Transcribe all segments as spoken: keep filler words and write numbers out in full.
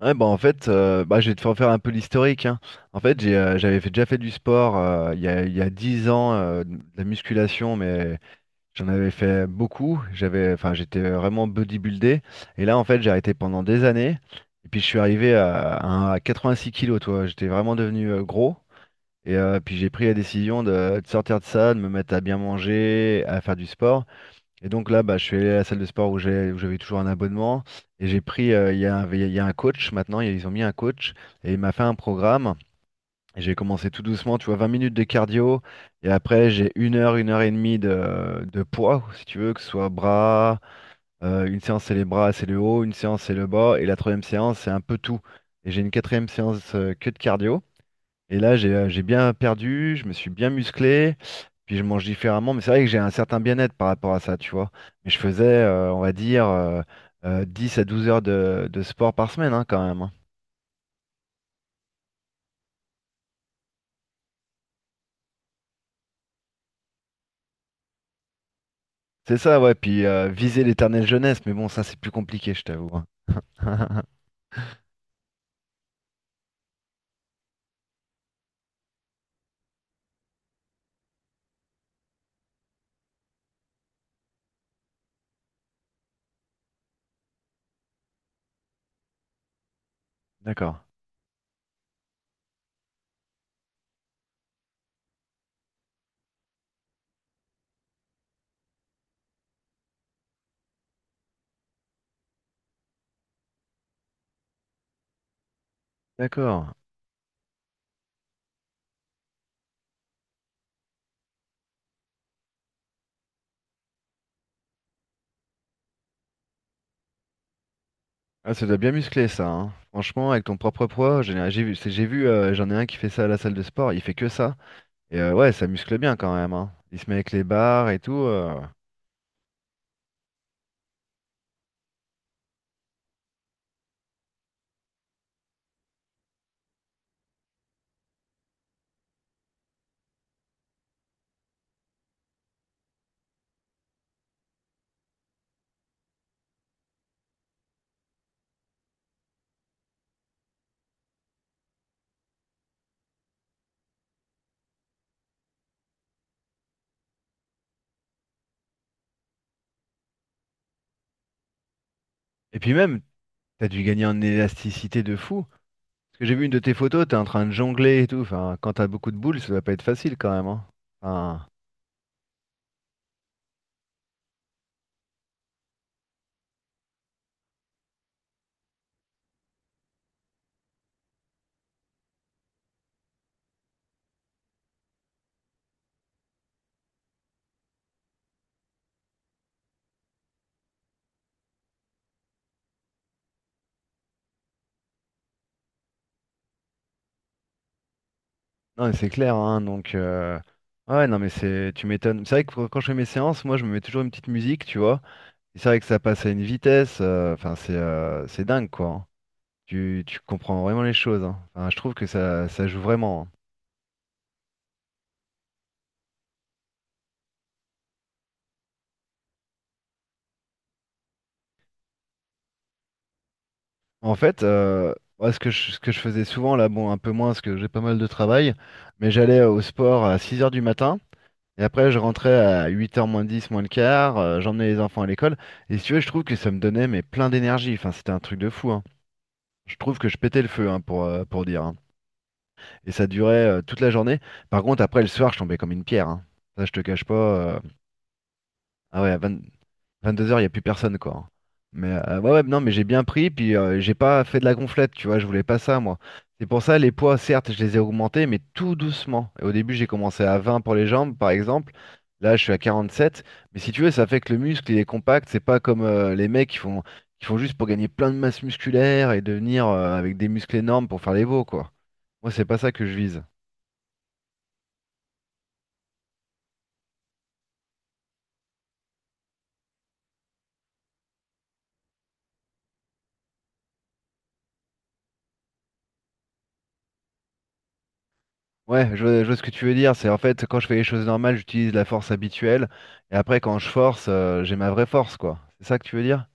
Ouais, bah en fait, euh, bah, je vais te faire faire un peu l'historique, hein. En fait, j'ai, euh, j'avais fait- déjà fait du sport euh, il y a, il y a dix ans, euh, de la musculation, mais j'en avais fait beaucoup. J'avais, enfin, j'étais vraiment bodybuildé. Et là, en fait, j'ai arrêté pendant des années. Et puis, je suis arrivé à, à- un- à 86 kilos, toi. J'étais vraiment devenu euh, gros. Et euh, puis, j'ai pris la décision de, de sortir de ça, de me mettre à bien manger, à faire du sport. Et donc là, bah, je suis allé à la salle de sport où j'ai- où j'avais toujours un abonnement. Et j'ai pris, euh, il y a un, il y a un coach maintenant, ils ont mis un coach. Et il m'a fait un programme. Et j'ai commencé tout doucement, tu vois, vingt minutes de cardio. Et après, j'ai une heure, une heure et demie de, de poids, si tu veux, que ce soit bras. euh, une séance, c'est les bras, c'est le haut. Une séance, c'est le bas. Et la troisième séance, c'est un peu tout. Et j'ai une quatrième séance, euh, que de cardio. Et là, j'ai euh, j'ai bien perdu, je me suis bien musclé, puis je mange différemment. Mais c'est vrai que j'ai un certain bien-être par rapport à ça, tu vois. Mais je faisais, euh, on va dire, euh, euh, dix à douze heures de, de sport par semaine, hein, quand même, hein. C'est ça, ouais. Puis euh, viser l'éternelle jeunesse, mais bon, ça, c'est plus compliqué, je t'avoue, hein. D'accord, d'accord. Ah, ça doit bien muscler, ça, hein. Franchement, avec ton propre poids, j'ai j'ai vu, c'est- j'ai vu, euh, j'en ai un qui fait ça à la salle de sport, il fait que ça. Et euh, ouais, ça muscle bien quand même, hein. Il se met avec les barres et tout. euh. Et puis même, t'as dû gagner en élasticité de fou. Parce que j'ai vu une de tes photos, t'es en train de jongler et tout. Enfin, quand t'as beaucoup de boules, ça doit pas être facile quand même, hein. Enfin, non, mais c'est clair, hein. Donc, euh, ouais, non, mais c'est, tu m'étonnes. C'est vrai que quand je fais mes séances, moi, je me mets toujours une petite musique, tu vois. Et c'est vrai que ça passe à une vitesse. euh, Enfin, c'est, euh, c'est dingue, quoi, hein. Tu, tu comprends vraiment les choses, hein. Enfin, je trouve que ça, ça joue vraiment, hein. En fait, euh, moi, ce que je, ce que je faisais souvent, là, bon, un peu moins, parce que j'ai pas mal de travail, mais j'allais au sport à six heures du matin. Et après, je rentrais à huit heures moins dix moins le quart, euh, j'emmenais les enfants à l'école. Et si tu veux, je trouve que ça me donnait mais plein d'énergie. Enfin, c'était un truc de fou, hein. Je trouve que je pétais le feu, hein, pour, euh, pour dire, hein. Et ça durait euh, toute la journée. Par contre, après, le soir, je tombais comme une pierre, hein. Ça, je te cache pas. euh, Ah ouais, à vingt vingt-deux heures, il n'y a plus personne, quoi. Mais euh, ouais, ouais, non, mais j'ai bien pris, puis euh, j'ai pas fait de la gonflette, tu vois, je voulais pas ça, moi. C'est pour ça, les poids, certes, je les ai augmentés, mais tout doucement. Et au début, j'ai commencé à vingt pour les jambes, par exemple. Là, je suis à quarante-sept. Mais si tu veux, ça fait que le muscle, il est compact. C'est pas comme euh, les mecs qui font, qui font juste pour gagner plein de masse musculaire et devenir euh, avec des muscles énormes pour faire les veaux, quoi. Moi, c'est pas ça que je vise. Ouais, je, vois je vois ce que tu veux dire. C'est en fait, quand je fais les choses normales, j'utilise la force habituelle. Et après, quand je force, euh, j'ai ma vraie force, quoi. C'est ça que tu veux dire?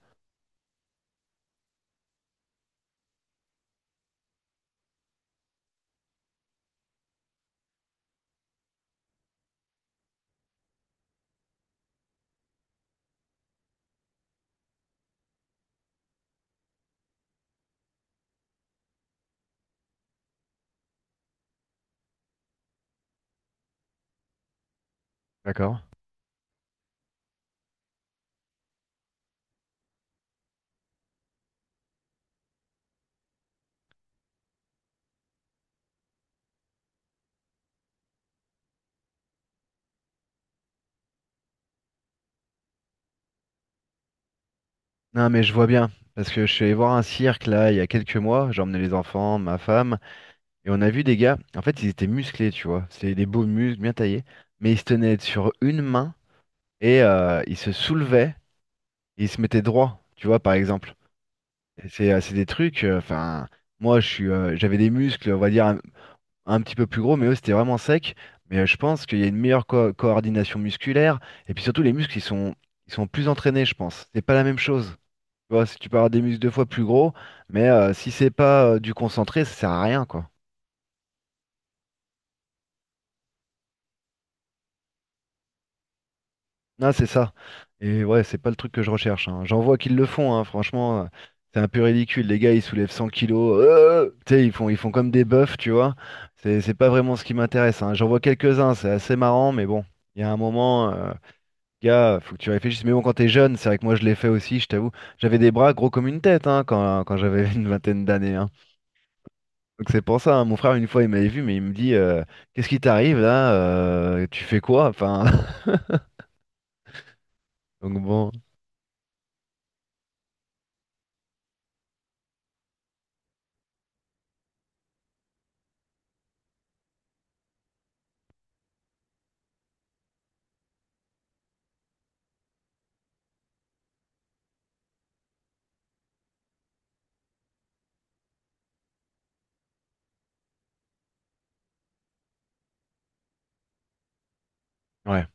D'accord. Non, mais je vois bien. Parce que je suis allé voir un cirque, là, il y a quelques mois. J'ai emmené les enfants, ma femme. Et on a vu des gars. En fait, ils étaient musclés, tu vois. C'était des beaux muscles, bien taillés. Mais ils se tenaient sur une main. Et euh, ils se soulevaient. Et ils se mettaient droit, tu vois, par exemple. Et C'est euh, c'est des trucs. euh, Enfin, moi, je suis, euh, j'avais des muscles, on va dire, un petit peu plus gros, mais eux, c'était vraiment sec. Mais euh, je pense qu'il y a une meilleure co- coordination musculaire. Et puis surtout, les muscles, ils sont, ils sont plus entraînés, je pense. C'est pas la même chose. Tu vois, si tu peux avoir des muscles deux fois plus gros, mais euh, si c'est pas euh, du concentré, ça sert à rien, quoi. Non, c'est ça. Et ouais, c'est pas le truc que je recherche, hein. J'en vois qu'ils le font, hein, franchement. euh, C'est un peu ridicule, les gars, ils soulèvent 100 kilos, euh, tu sais, ils font, ils font comme des bœufs, tu vois. C'est c'est pas vraiment ce qui m'intéresse, hein. J'en vois quelques-uns, c'est assez marrant, mais bon, il y a un moment. euh, Gars, faut que tu réfléchisses. Mais bon, quand t'es jeune, c'est vrai que moi je l'ai fait aussi, je t'avoue. J'avais des bras gros comme une tête, hein, quand, quand j'avais une vingtaine d'années, hein. Donc c'est pour ça, hein. Mon frère, une fois, il m'avait vu, mais il me dit, euh, Qu'est-ce qui t'arrive là? Euh, Tu fais quoi? Enfin, donc bon. Ouais.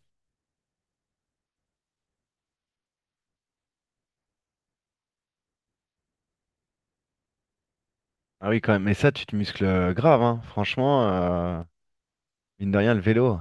Ah oui, quand même. Mais ça, tu te muscles euh, grave, hein. Franchement, euh, mine de rien, le vélo.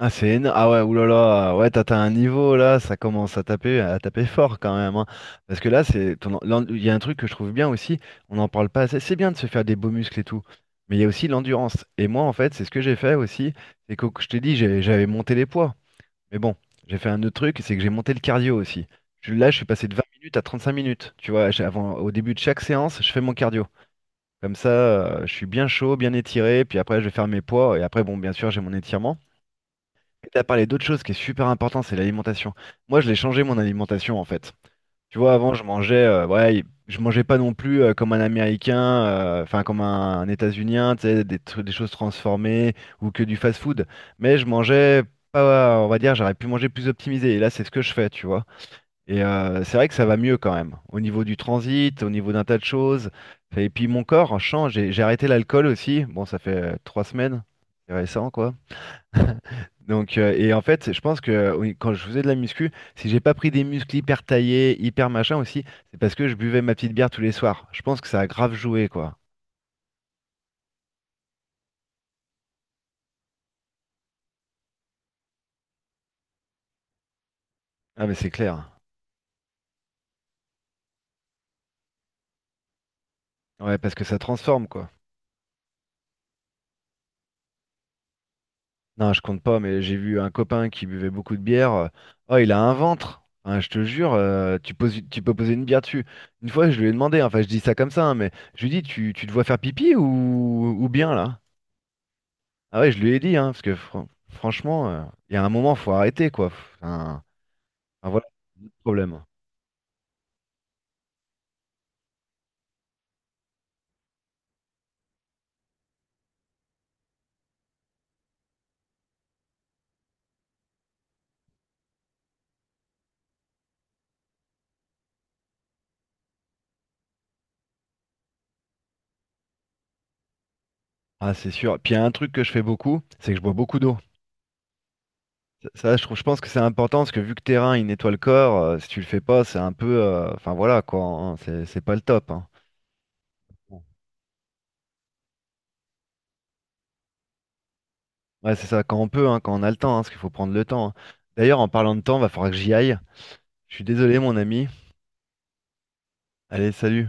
Ah, c'est énorme. Ah ouais, oulala. Ouais, t'as t'as un niveau là, ça commence à taper, à taper fort quand même, hein. Parce que là, c'est ton en- l'en- il y a un truc que je trouve bien aussi, on n'en parle pas assez. C'est bien de se faire des beaux muscles et tout, mais il y a aussi l'endurance. Et moi, en fait, c'est ce que j'ai fait aussi. C'est que je t'ai dit, j'ai- j'avais monté les poids. Mais bon, j'ai fait un autre truc, c'est que j'ai monté le cardio aussi. Je- Là, je suis passé de vingt minutes à trente cinq minutes. Tu vois, j'ai- avant, au début de chaque séance, je fais mon cardio. Comme ça, euh, je suis bien chaud, bien étiré, puis après, je vais faire mes poids. Et après, bon, bien sûr, j'ai mon étirement. Tu as parlé d'autre chose qui est super important, c'est l'alimentation. Moi, je l'ai changé mon alimentation en fait. Tu vois, avant, je mangeais, euh, ouais, je mangeais pas non plus euh, comme un Américain, euh, enfin comme un, États-Unien, tu sais, des, tru- des choses transformées ou que du fast-food. Mais je mangeais pas, on va dire, j'aurais pu manger plus optimisé. Et là, c'est ce que je fais, tu vois. Et euh, c'est vrai que ça va mieux quand même, au niveau du transit, au niveau d'un tas de choses. Et puis mon corps change. J'ai j'ai arrêté l'alcool aussi. Bon, ça fait euh, trois semaines, c'est récent, quoi. Donc, euh, et en fait, je pense que oui, quand je faisais de la muscu, si j'ai pas pris des muscles hyper taillés, hyper machin aussi, c'est parce que je buvais ma petite bière tous les soirs. Je pense que ça a grave joué, quoi. Ah, mais c'est clair. Ouais, parce que ça transforme, quoi. Non, je compte pas, mais j'ai vu un copain qui buvait beaucoup de bière. euh, Oh, il a un ventre. Hein, je te jure, euh, tu poses, tu peux poser une bière dessus. Une fois, je lui ai demandé, hein, enfin, je dis ça comme ça, hein, mais je lui ai dit, tu, tu te vois faire pipi ou, ou bien là? Ah ouais, je lui ai dit, hein, parce que fran- franchement, euh, il y a un moment, faut arrêter, quoi. Enfin, ah, voilà, c'est un autre problème. Ah, c'est sûr. Puis il y a un truc que je fais beaucoup, c'est que je bois beaucoup d'eau. Ça, ça, je trouve, je pense que c'est important parce que vu que terrain, il nettoie le corps, euh, si tu le fais pas, c'est un peu. euh, Enfin voilà, quoi, hein, c'est c'est pas le top, hein. Bon. Ouais, c'est ça, quand on peut, hein, quand on a le temps, hein, parce qu'il faut prendre le temps, hein. D'ailleurs, en parlant de temps, va falloir que j'y aille. Je suis désolé, mon ami. Allez, salut.